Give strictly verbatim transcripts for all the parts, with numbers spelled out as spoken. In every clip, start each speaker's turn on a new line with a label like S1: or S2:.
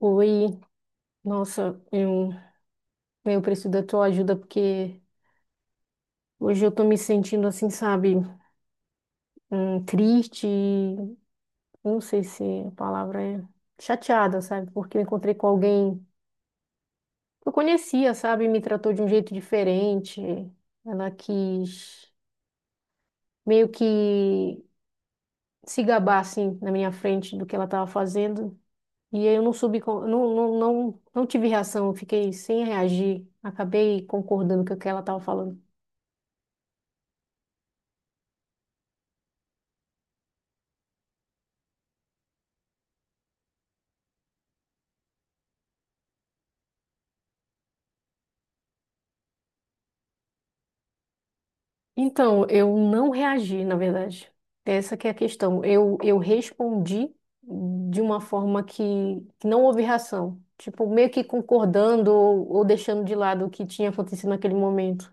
S1: Oi, nossa, eu, eu preciso da tua ajuda porque hoje eu tô me sentindo assim, sabe, hum, triste, não sei se a palavra é chateada, sabe, porque eu encontrei com alguém que eu conhecia, sabe, me tratou de um jeito diferente, ela quis meio que se gabar, assim, na minha frente do que ela tava fazendo, e aí eu não soube, co- não, não, não, não tive reação, eu fiquei sem reagir, acabei concordando com o que ela tava falando. Então, eu não reagi, na verdade. Essa que é a questão. Eu, eu respondi de uma forma que, que não houve reação. Tipo, meio que concordando ou, ou deixando de lado o que tinha acontecido naquele momento.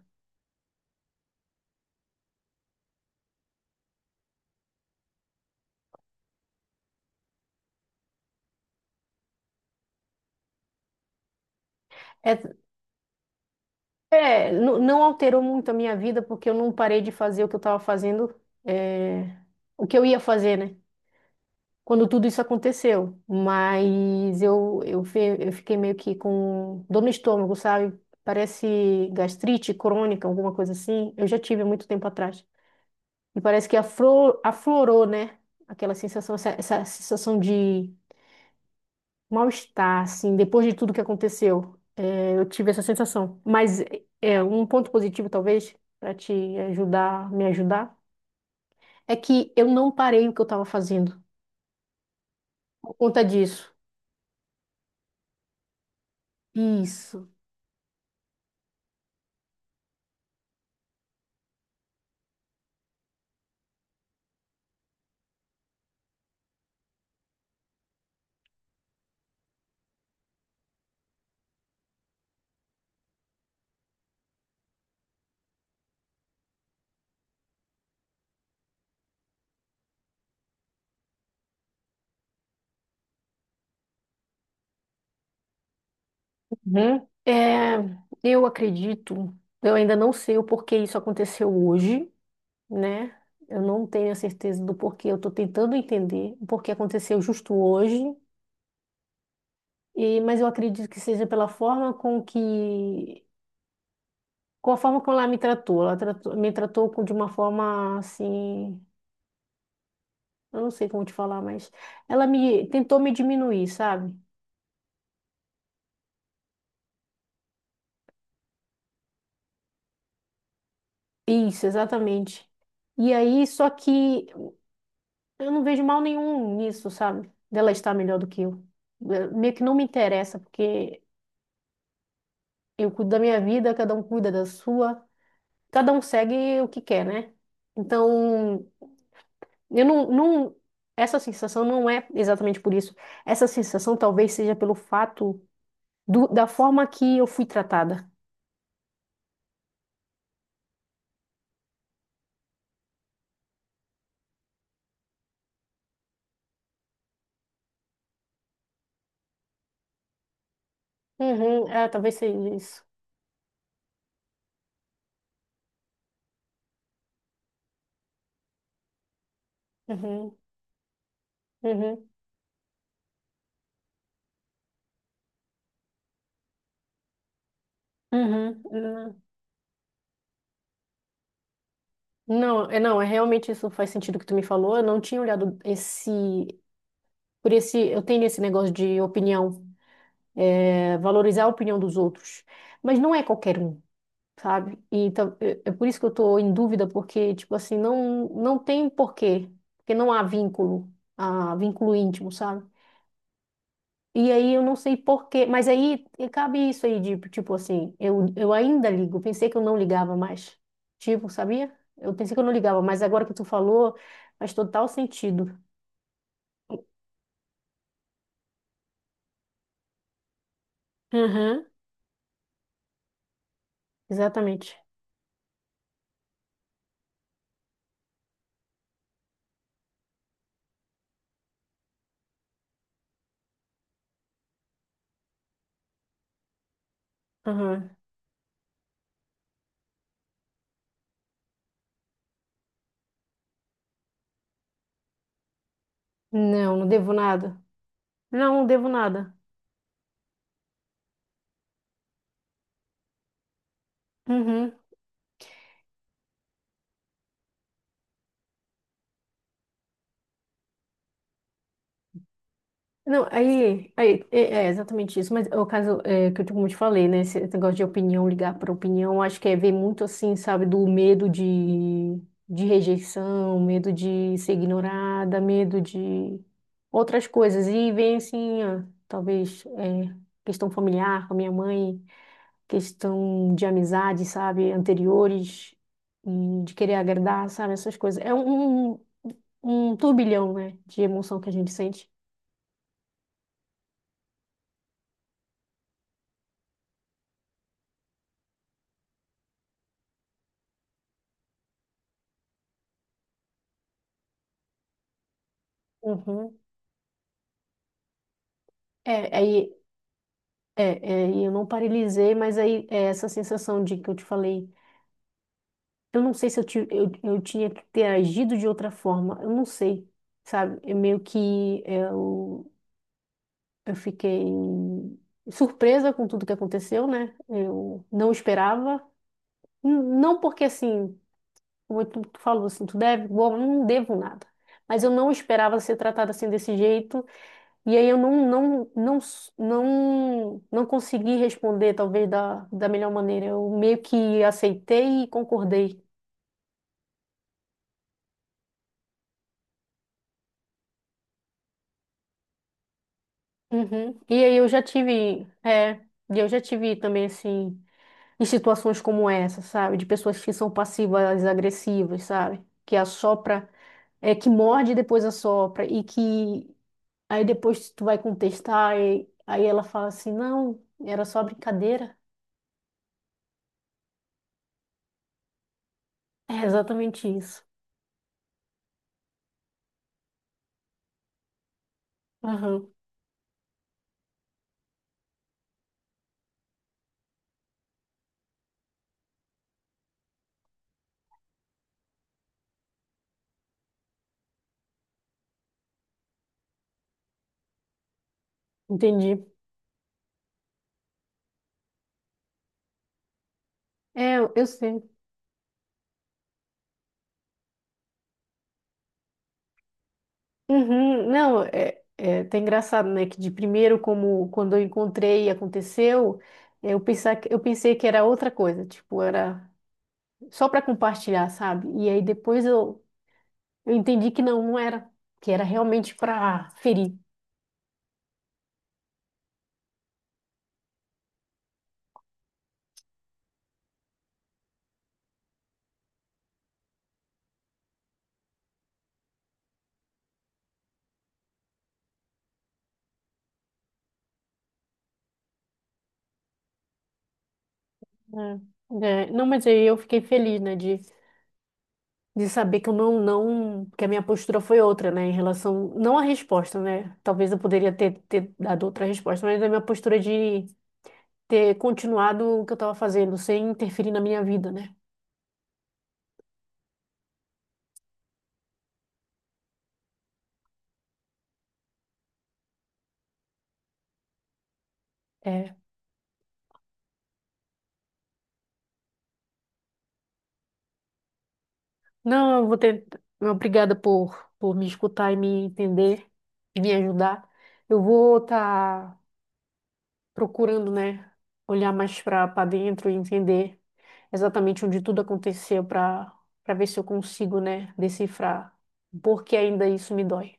S1: É, é, nu- não alterou muito a minha vida, porque eu não parei de fazer o que eu estava fazendo, é, o que eu ia fazer, né? Quando tudo isso aconteceu, mas eu, eu, fe- eu fiquei meio que com dor no estômago, sabe? Parece gastrite crônica, alguma coisa assim. Eu já tive há muito tempo atrás. E parece que afro, aflorou, né? Aquela sensação, essa, essa sensação de mal-estar, assim, depois de tudo que aconteceu. É, eu tive essa sensação. Mas é, um ponto positivo, talvez, para te ajudar, me ajudar, é que eu não parei o que eu estava fazendo por conta disso. Isso. Uhum. É, eu acredito, eu ainda não sei o porquê isso aconteceu hoje, né? Eu não tenho a certeza do porquê, eu estou tentando entender o porquê aconteceu justo hoje, e, mas eu acredito que seja pela forma com que, com a forma como ela me tratou. Ela tratou- me tratou com- de uma forma assim, eu não sei como te falar, mas ela me tentou me diminuir, sabe? Isso, exatamente. E aí, só que eu não vejo mal nenhum nisso, sabe? Dela estar melhor do que eu. Eh, Meio que não me interessa, porque eu cuido da minha vida, cada um cuida da sua, cada um segue o que quer, né? Então, eu não, não, essa sensação não é exatamente por isso. Essa sensação talvez seja pelo fato do- da forma que eu fui tratada. Uhum, é, talvez seja isso. Uhum, uhum, uhum. Uhum. Não, é, não, é, realmente isso faz sentido que tu me falou. Eu não tinha olhado esse. Por esse, eu tenho esse negócio de opinião, é, valorizar a opinião dos outros, mas não é qualquer um, sabe? E então é é por isso que eu tô em dúvida, porque tipo assim, não não tem porquê, porque não há vínculo, ah, vínculo íntimo, sabe? E aí eu não sei porquê, mas aí e cabe isso aí de tipo assim, eu, eu ainda ligo, pensei que eu não ligava mais. Tipo, sabia? Eu pensei que eu não ligava, mas agora que tu falou, faz total sentido. Aham, exatamente. Aham. Não, não devo nada. Não, não devo nada. Uhum. Não, aí, aí é, é exatamente isso, mas é, o caso é, que eu, como eu te falei, né, esse negócio de opinião, ligar para opinião, acho que é ver muito assim, sabe, do medo de, de rejeição, medo de ser ignorada, medo de outras coisas, e vem assim, ó, talvez é, questão familiar com a minha mãe, questão de amizade, sabe, anteriores, e de querer agradar, sabe, essas coisas. É um, um turbilhão, né, de emoção que a gente sente. Uhum. É, aí, é, é, e eu não paralisei, mas aí é essa sensação de que eu te falei, eu não sei se eu, ti- eu, eu tinha que ter agido de outra forma, eu não sei, sabe? Eu meio que eu, eu fiquei surpresa com tudo que aconteceu, né? Eu não esperava. N- não porque assim, como tu, tu falou assim, tu deve, bom, eu não devo nada, mas eu não esperava ser tratada assim desse jeito. E aí eu não, não, não, s- não, não consegui responder, talvez, da, da melhor maneira. Eu meio que aceitei e concordei. Uhum. E aí eu já tive, é, e eu já tive também, assim, em situações como essa, sabe? De pessoas que são passivas, agressivas, sabe? Que assopra, é, que morde e depois assopra. E que aí depois tu vai contestar e aí ela fala assim, não, era só brincadeira. É exatamente isso. Aham, entendi. É, eu eu sei. Uhum. Não, é, é, tá engraçado, né? Que de primeiro, como quando eu encontrei e aconteceu, eu pensar, que- eu pensei que era outra coisa, tipo, era só para compartilhar, sabe? E aí depois eu, eu entendi que não, não era, que era realmente para ferir, né? É, não, mas aí eu fiquei feliz, né? De, de saber que eu não, não, que a minha postura foi outra, né? Em relação, não à resposta, né? Talvez eu poderia ter, ter dado outra resposta, mas a minha postura de ter continuado o que eu estava fazendo, sem interferir na minha vida, né? É. Não, eu vou ter. Obrigada por, por me escutar e me entender e me ajudar. Eu vou estar procurando, né? Olhar mais para para dentro e entender exatamente onde tudo aconteceu para para ver se eu consigo, né? Decifrar por que ainda isso me dói.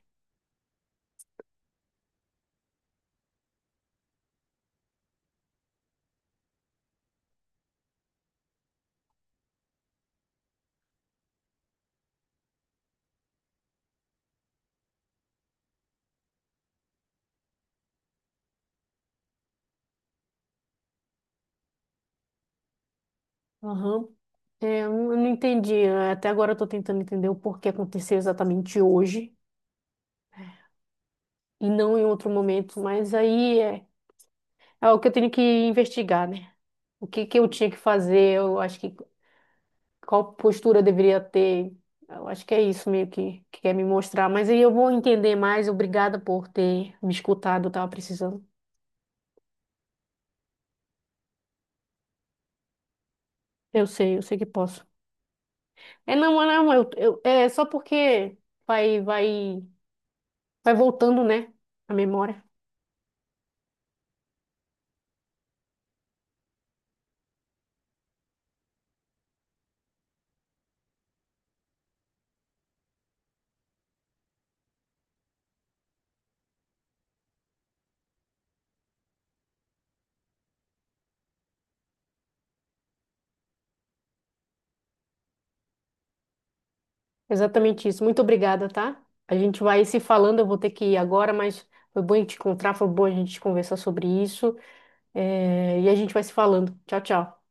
S1: Aham. É, eu não eu não entendi. Até agora eu estou tentando entender o porquê aconteceu exatamente hoje e não em outro momento. Mas aí é, é o que eu tenho que investigar, né? O que que eu tinha que fazer? Eu acho que qual postura eu deveria ter? Eu acho que é isso meio que, que quer me mostrar. Mas aí eu vou entender mais. Obrigada por ter me escutado. Eu tava precisando. Eu sei, eu sei que posso. É, não, não, eu, eu- é só porque vai, vai, vai voltando, né? A memória. Exatamente isso. Muito obrigada, tá? A gente vai se falando. Eu vou ter que ir agora, mas foi bom te encontrar. Foi bom a gente conversar sobre isso. É, e a gente vai se falando. Tchau, tchau.